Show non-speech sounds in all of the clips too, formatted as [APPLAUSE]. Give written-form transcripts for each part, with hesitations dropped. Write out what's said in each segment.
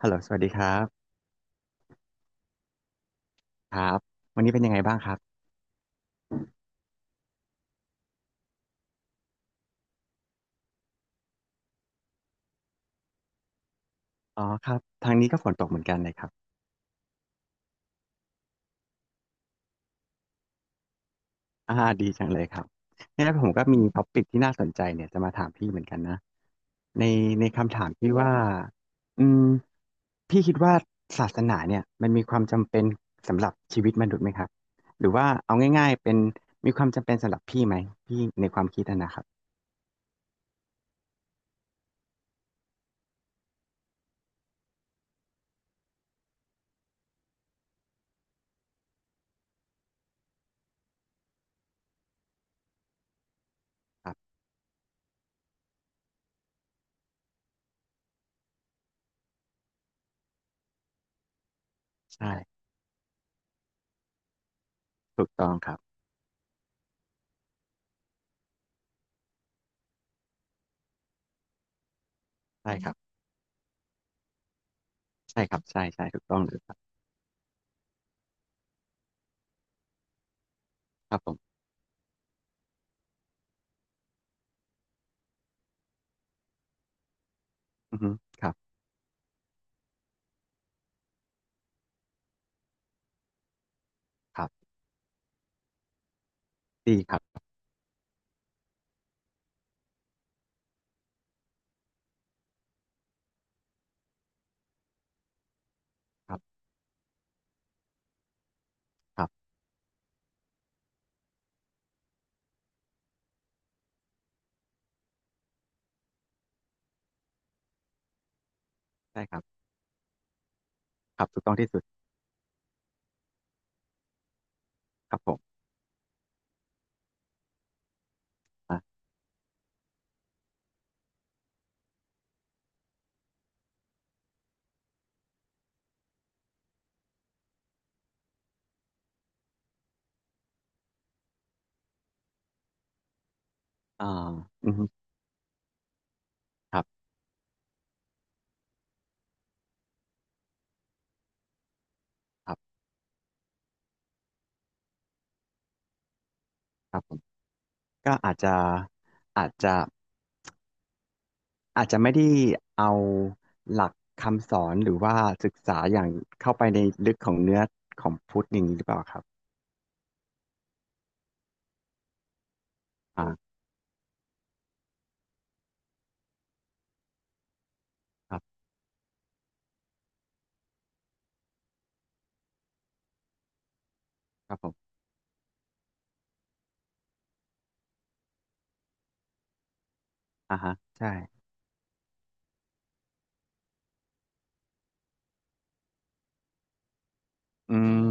ฮัลโหลสวัสดีครับครับวันนี้เป็นยังไงบ้างครับอ๋อครับทางนี้ก็ฝนตกเหมือนกันเลยครับอ่าดีจังเลยครับเนี่ยผมก็มีท็อปิกที่น่าสนใจเนี่ยจะมาถามพี่เหมือนกันนะในในคำถามที่ว่าอืมพี่คิดว่าศาสนาเนี่ยมันมีความจำเป็นสำหรับชีวิตมนุษย์ไหมครับหรือว่าเอาง่ายๆเป็นมีความจำเป็นสำหรับพี่ไหมพี่ในความคิดอะนะครับครับใช่ถูกต้องครับใช่ครับใช่ครับใช่ใช่ถูกต้องเลยครับครับผมอือฮึครับครับดีครับครับ ใช่ครับครับถูกต้องที่สุดครับผมอ่าอ่าอืมครับครับครับผมก็อาจจะอาจจะไม่ได้เอาหลักคำสอนหรือว่าศึกษาอย่างเข้าไปในลึกของเนื้อของพุทธอย่างนี้หรือเปล่าครับอ่าครับครับผมอ่าฮะใช่ อืม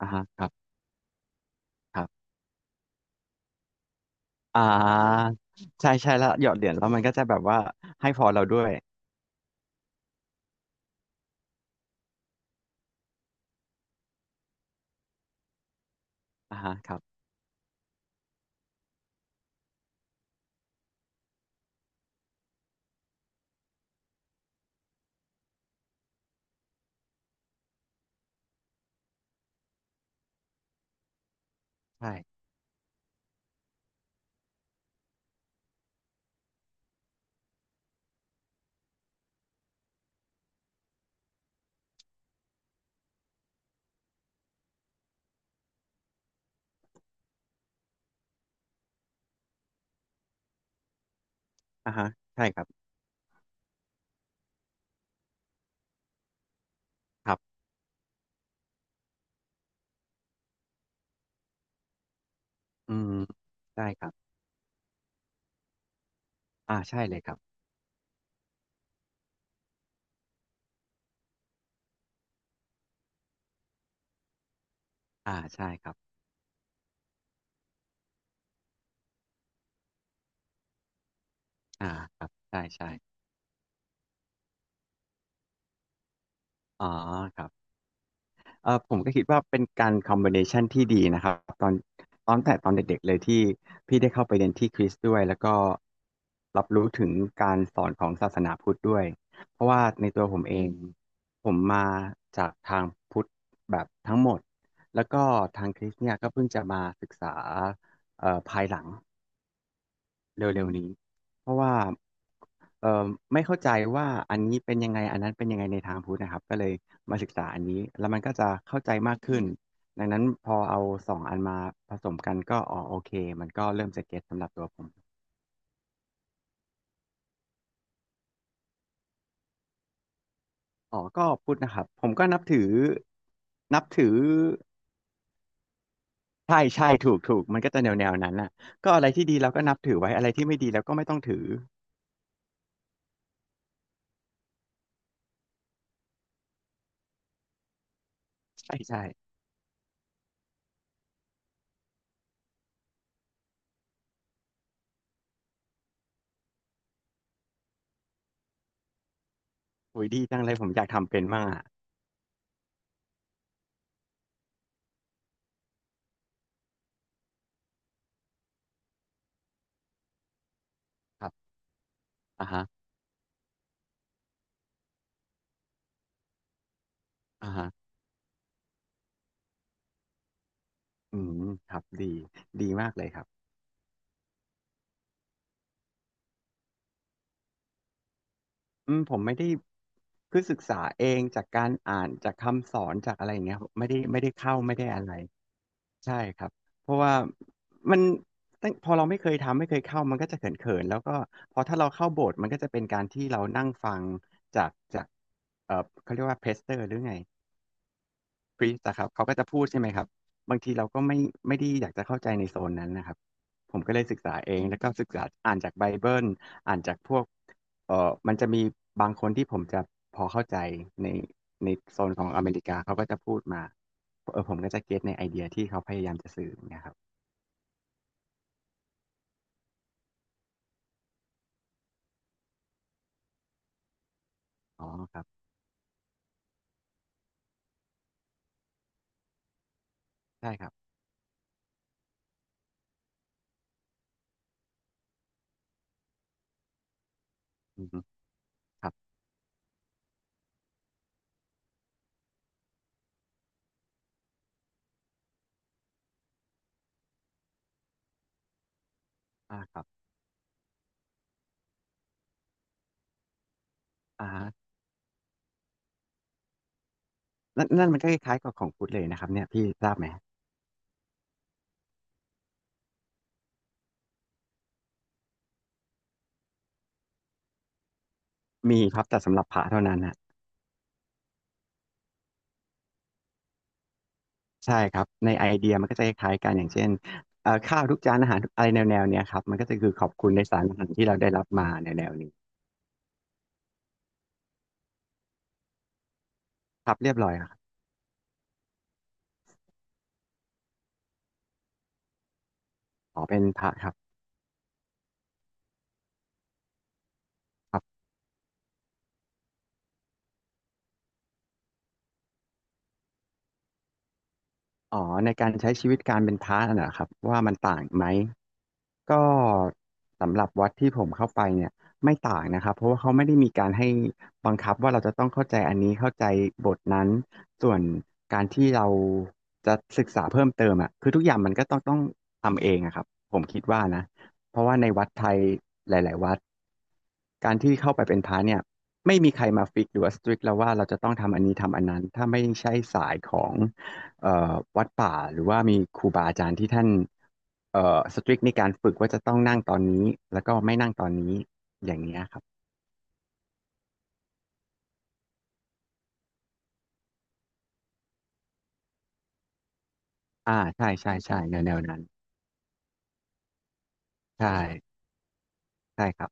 อ่าฮะครับครับอ่าใช่ใช่แล้วหยอดเหรียญแล้วมันก็จะแบบว่าให้พอเราด้วยอ่าฮะครับใช่อ่าฮะใช่ครับครับอืมได้ครับอ่าใช่เลยครับอ่าใช่ครับ อ่าครับใช่ใช่อ๋อครับเออผมก็คิดว่าเป็นการคอมบิเนชันที่ดีนะครับตอนตอนแต่ตอนเด็กๆเลยที่พี่ได้เข้าไปเรียนที่คริสต์ด้วยแล้วก็รับรู้ถึงการสอนของศาสนาพุทธด้วยเพราะว่าในตัวผมเองผมมาจากทางพุทธแบบทั้งหมดแล้วก็ทางคริสต์เนี่ยก็เพิ่งจะมาศึกษาภายหลัง เร็วๆนี้เพราะว่าเอ่อไม่เข้าใจว่าอันนี้เป็นยังไงอันนั้นเป็นยังไงในทางพุทธนะครับก็เลยมาศึกษาอันนี้แล้วมันก็จะเข้าใจมากขึ้นดังนั้นพอเอาสองอันมาผสมกันก็อ๋อโอเคมันก็เริ่มจะเก็ตสำหรับตัวผมอ๋อก็พุทธนะครับผมก็นับถือใช่ใช่ถูกถูกมันก็จะแนวแนวนั้นน่ะก็อะไรที่ดีเราก็นับถือไว้อะไรที่ไม่ดีเราก็ไม่ต้องถือใช่ใช่โอ้ยดีจังเลยผมอยากทำเป็นมากอะครับอ่าฮะอ่าฮะ อืมครับดีดีมากเลยครับอืมผมไม่ได้คือศึกษาเองจากการอ่านจากคำสอนจากอะไรอย่างเงี้ยครับไม่ได้เข้าไม่ได้อะไรใช่ครับเพราะว่ามันตั้งพอเราไม่เคยทำไม่เคยเข้ามันก็จะเขินๆแล้วก็พอถ้าเราเข้าโบสถ์มันก็จะเป็นการที่เรานั่งฟังจากเออเขาเรียกว่าเพสเตอร์หรือไง พรีสอะครับเขาก็จะพูดใช่ไหมครับบางทีเราก็ไม่ได้อยากจะเข้าใจในโซนนั้นนะครับผมก็เลยศึกษาเองแล้วก็ศึกษาอ่านจากไบเบิลอ่านจากพวกมันจะมีบางคนที่ผมจะพอเข้าใจในในโซนของอเมริกาเขาก็จะพูดมาเออผมก็จะเก็ตในไอเดียที่เขาพยายามจะสื่อเนะครับอ๋อครับใช่ครับอืมครับอ่าครับอ่าฮะนั่นนั่นมันก็คล้ายๆกับของพุทธเลยนะครับเนี่ยพี่ทราบไหมมีครับแต่สำหรับพระเท่านั้นนะ ใช่ครับในไอเดียมันก็จะคล้ายๆกันอย่างเช่นข้าวทุกจานอาหารอะไรแนวๆเนี้ยครับมันก็จะคือขอบคุณในสารอาหารที่เราได้รับมาในแนวนี้ครับเรียบร้อยครับขอเป็นพระครับครับอ๋อในการใช้ชีวิตการเป็นพระน่ะครับว่ามันต่างไหม ก็สำหรับวัดที่ผมเข้าไปเนี่ยไม่ต่างนะครับเพราะว่าเขาไม่ได้มีการให้บังคับว่าเราจะต้องเข้าใจอันนี้เข้าใจบทนั้นส่วนการที่เราจะศึกษาเพิ่มเติมอ่ะคือทุกอย่างมันก็ต้องทำเองอะครับผมคิดว่านะเพราะว่าในวัดไทยหลายๆวัดการที่เข้าไปเป็นพระเนี่ยไม่มีใครมาฟิกหรือว่าสตริกแล้วว่าเราจะต้องทำอันนี้ทำอันนั้นถ้าไม่ใช่สายของวัดป่าหรือว่ามีครูบาอาจารย์ที่ท่าน สตริกในการฝึกว่าจะต้องนั่งตอนนี้แล้วก็ไม่นั่งตอนนี้อย่างเงี้ยครับอ่าใช่ใช่ใช่แนวแนวนั้นใช่ใช่ครับ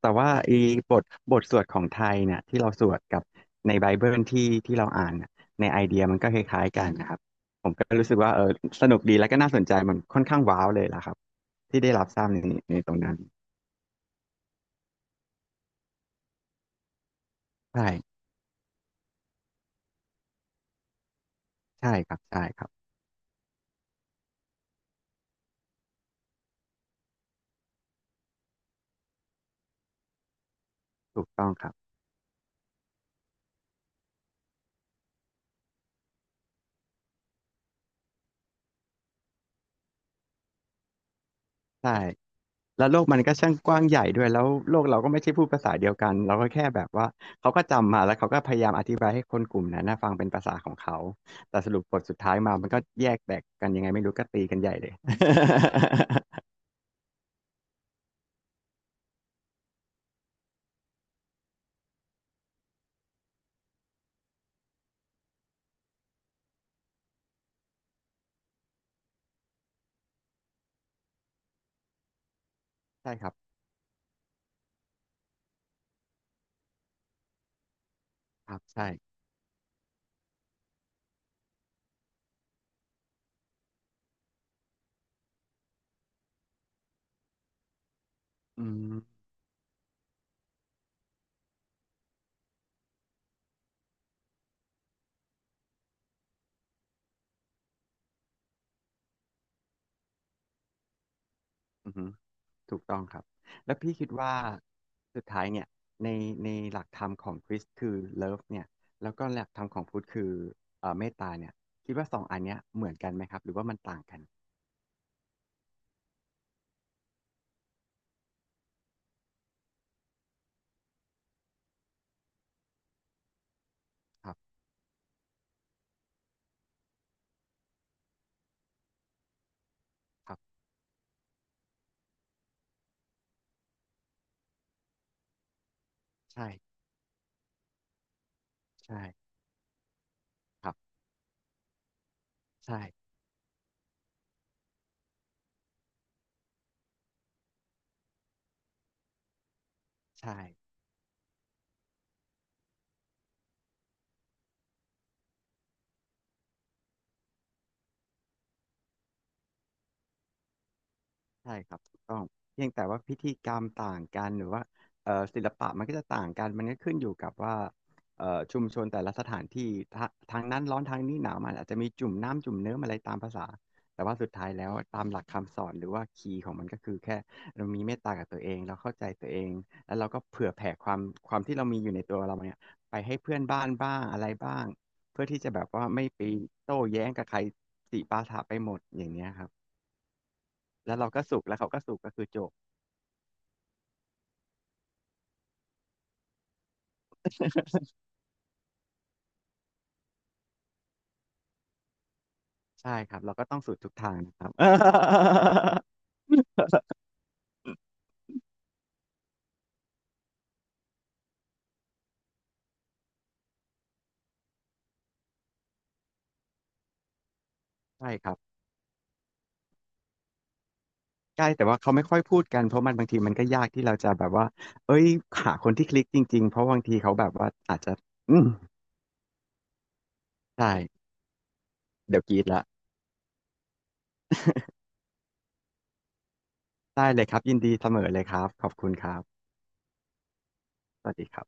แต่ว่าไอีบทบทสวดของไทยเนี่ยที่เราสวดกับในไบเบิลที่เราอ่านน่ะในไอเดียมันก็คล้ายๆกันนะครับผมก็รู้สึกว่าเออสนุกดีแล้วก็น่าสนใจมันค่อนข้างว้าวเลยล่ะครับที่ได้รับทราบในตรงนั้นใช่ใช่ครับใช่ครับถูกต้องครับ ใช่แล้วโลกมันก็ช่างกว้างใหญ่ด้วยแล้วโลกเราก็ไม่ใช่พูดภาษาเดียวกันเราก็แค่แบบว่าเขาก็จำมาแล้วเขาก็พยายามอธิบายให้คนกลุ่มนั้นนะฟังเป็นภาษาของเขาแต่สรุปบทสุดท้ายมามันก็แยกแตกกันยังไงไม่รู้ก็ตีกันใหญ่เลย [LAUGHS] ใช่ครับครับใช่อืมอืมถูกต้องครับแล้วพี่คิดว่าสุดท้ายเนี่ยในหลักธรรมของคริสต์คือเลิฟเนี่ยแล้วก็หลักธรรมของพุทธคือเมตตาเนี่ยคิดว่าสองอันเนี้ยเหมือนกันไหมครับหรือว่ามันต่างกันครับ ใช่ ใช่ครับ ใช่ ใช่ ใช่ครับถูกต้องเพียงแต่ว่าพิธีกรรมต่างกันหรือว่าศิลปะมันก็จะต่างกันมันก็ขึ้นอยู่กับว่าชุมชนแต่ละสถานที่ทางนั้นร้อนทางนี้หนาวมันอาจจะมีจุ่มน้ำจุ่มเนื้อมอะไรตามภาษาแต่ว่าสุดท้ายแล้วตามหลักคำสอนหรือว่าคีย์ของมันก็คือแค่เรามีเมตตากับตัวเองเราเข้าใจตัวเองแล้วเราก็เผื่อแผ่ความที่เรามีอยู่ในตัวเราเนี่ยไปให้เพื่อนบ้านบ้างอะไรบ้างเพื่อที่จะแบบว่าไม่ไปโต้แย้งกับใครสิปาถะไปหมดอย่างเนี้ยครับ แล้วเราก็สุกแล้วเขาก็สุกก็คือจบใช่ครับเราก็ต้องสูดทุกทางนะครับ [LAUGHS] ใช่ครับใช่แต่ว่าเขาไม่ค่อยพูดกันเพราะมันบางทีมันก็ยากที่เราจะแบบว่าเอ้ยหาคนที่คลิกจริงๆเพราะบางทีเขาแบบว่าอาจจะอืมใช่เดี๋ยวกรีดละ [LAUGHS] ได้เลยครับยินดีเสมอเลยครับขอบคุณครับสวัสดีครับ